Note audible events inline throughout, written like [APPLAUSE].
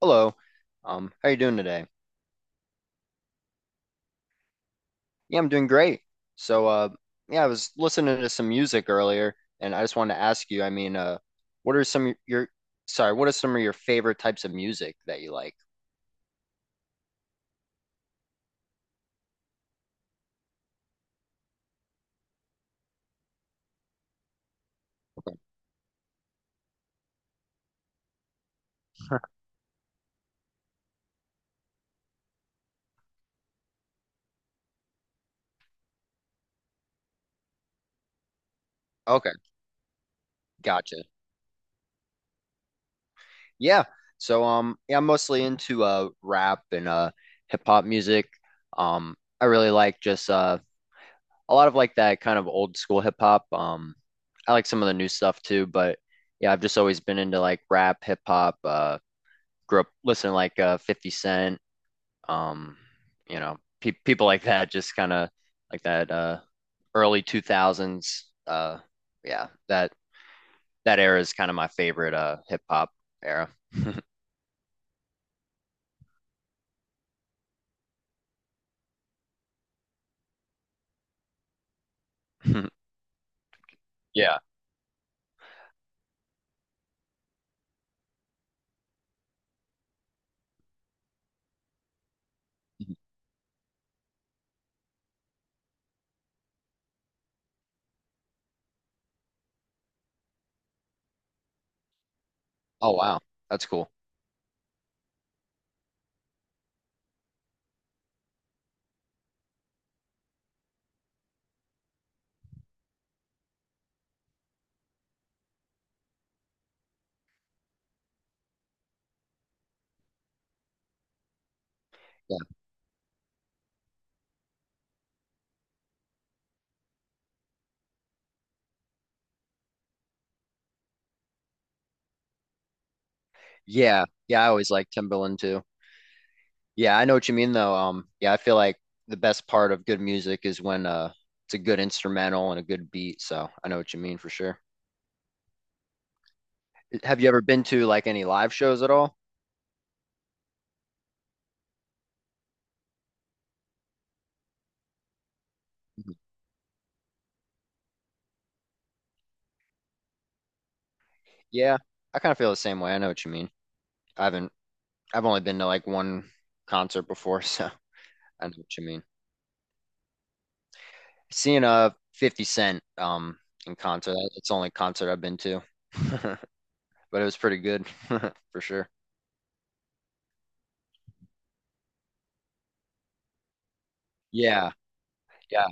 Hello. How you doing today? Yeah, I'm doing great. So, yeah, I was listening to some music earlier, and I just wanted to ask you, I mean, what are some of your, sorry, what are some of your favorite types of music that you like? Okay. Okay, gotcha. Yeah. So, yeah, I'm mostly into rap and hip hop music. I really like just a lot of like that kind of old school hip hop. I like some of the new stuff too, but yeah, I've just always been into like rap, hip hop, grew up listening to like 50 Cent, um, you know, pe people like that, just kind of like that early 2000s. Yeah, that era is kind of my favorite hip hop era. [LAUGHS] Yeah. Mhm. Oh wow, that's cool. Yeah. Yeah, yeah, I always like Timberland too. Yeah, I know what you mean though. Yeah, I feel like the best part of good music is when it's a good instrumental and a good beat. So I know what you mean for sure. Have you ever been to like any live shows at all? Yeah, I kind of feel the same way. I know what you mean. I haven't, I've only been to like one concert before, [LAUGHS] so I know what you mean. Seeing a 50 Cent in concert, it's the only concert I've been to, [LAUGHS] but it was pretty good [LAUGHS] for sure. Yeah, yeah,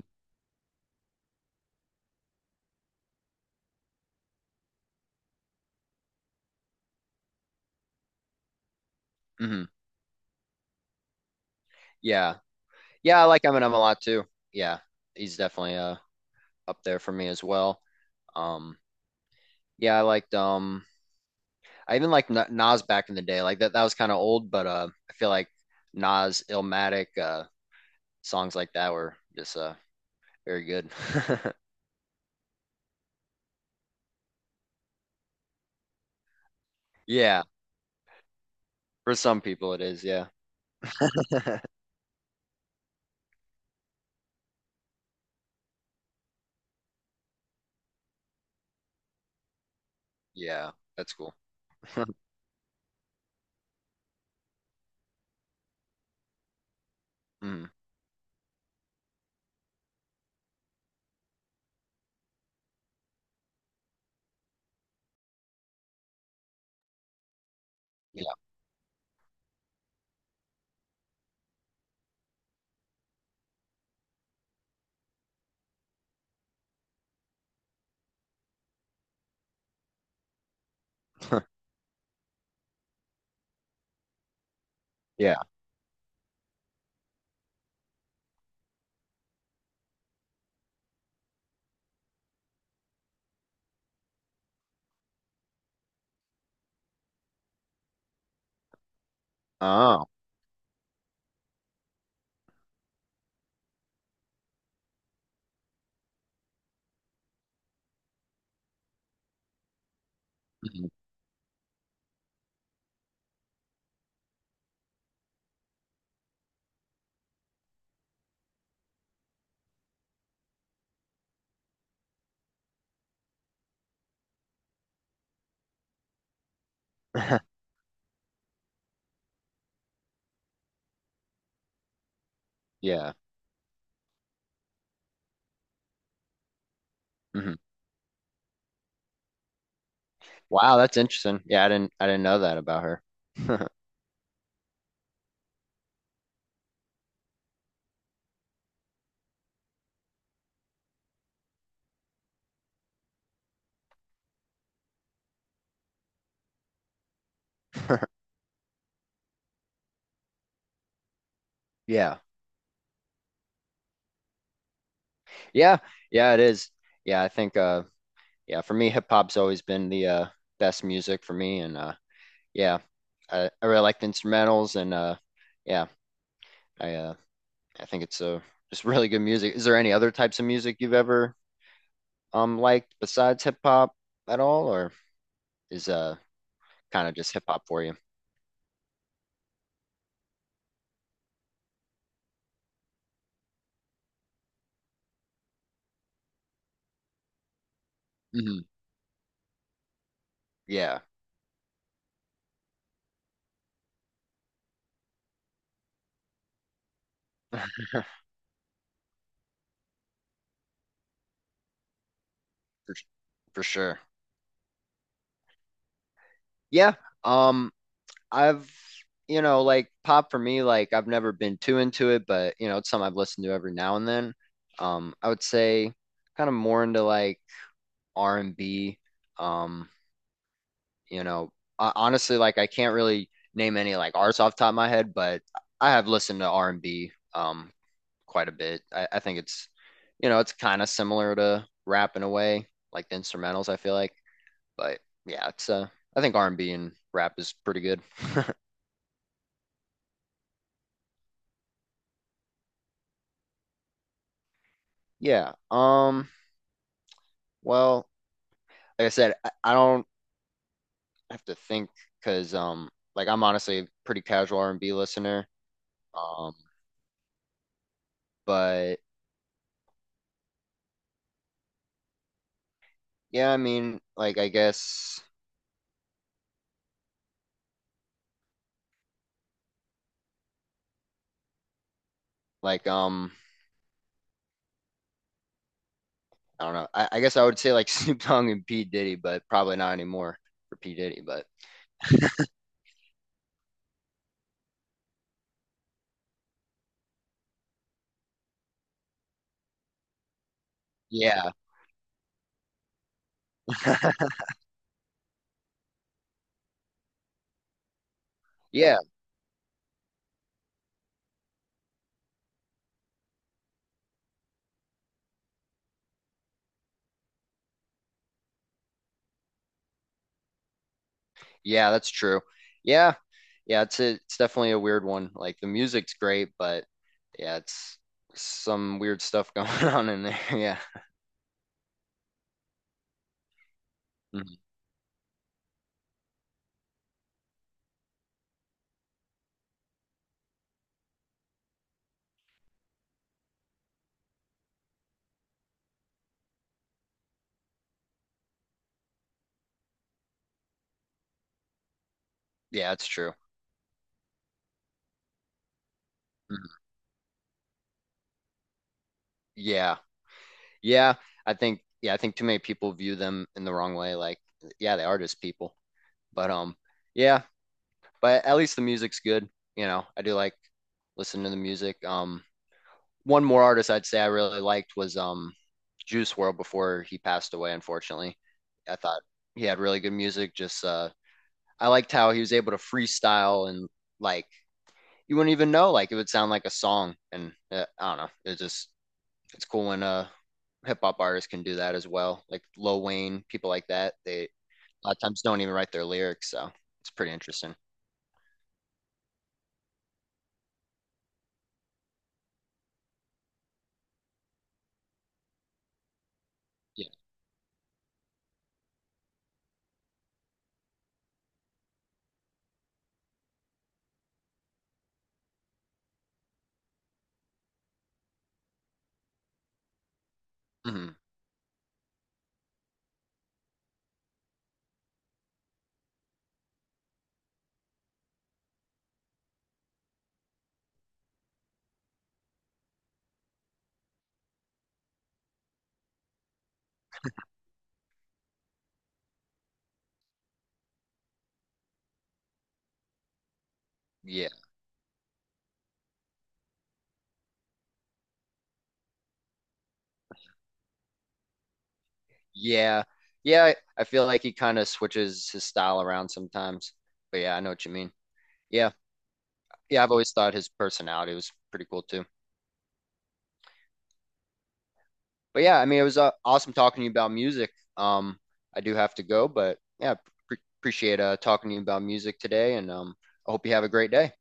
hmm yeah, yeah. I like Eminem a lot too. Yeah, he's definitely up there for me as well. Um, yeah, I liked I even liked Nas back in the day. Like that was kind of old, but I feel like Nas, Illmatic, songs like that were just very good. [LAUGHS] Yeah, for some people it is. Yeah, [LAUGHS] yeah, that's cool. Mm, yeah, [LAUGHS] yeah. Oh, mhm. [LAUGHS] Yeah. Mhm. Wow, that's interesting. Yeah, I didn't know that about her. [LAUGHS] Yeah. Yeah. Yeah, it is. Yeah, I think yeah, for me hip hop's always been the best music for me and yeah, I really like the instrumentals and yeah, I uh I think it's a just really good music. Is there any other types of music you've ever liked besides hip hop at all, or is kind of just hip hop for you? Hmm. Yeah, [LAUGHS] for, for sure. Yeah. Um, I've you know like pop for me, like I've never been too into it, but you know it's something I've listened to every now and then. I would say kind of more into like R&B. Um, You know, honestly, like I can't really name any like artists off the top of my head, but I have listened to R&B quite a bit. I think it's, you know, it's kind of similar to rap in a way, like the instrumentals, I feel like. But yeah, it's I think R&B and B and rap is pretty good. [LAUGHS] Yeah. Well, like I said, I don't have to think because like I'm honestly a pretty casual R&B listener. Um, but yeah, I mean, like I guess like I don't know. I guess I would say like [LAUGHS] Snoop Dogg and P. Diddy, but probably not anymore for P. Diddy. But yeah, [LAUGHS] yeah, yeah, that's true. Yeah, yeah, it's definitely a weird one. Like the music's great, but yeah, it's some weird stuff going [LAUGHS] on in there. [LAUGHS] Yeah. Mhm. Yeah, it's true. Mhm. Yeah, yeah, yeah, I think too many people view them in the wrong way. Like yeah, they are just people, but yeah, but at least the music's good. You know, I do like listen to the music. One more artist I'd say I really liked was Juice World before he passed away, unfortunately. I thought he had really good music. Just I liked how he was able to freestyle and like you wouldn't even know like it would sound like a song and I don't know. It's just it's cool when hip hop artists can do that as well. Like Lil Wayne, people like that, they a lot of times don't even write their lyrics, so it's pretty interesting. Yeah. hmm Yeah. Yeah. Yeah, I feel like he kind of switches his style around sometimes. But yeah, I know what you mean. Yeah. Yeah, I've always thought his personality was pretty cool too. But yeah, I mean, it was awesome talking to you about music. Um, I do have to go, but yeah, pre appreciate talking to you about music today and I hope you have a great day.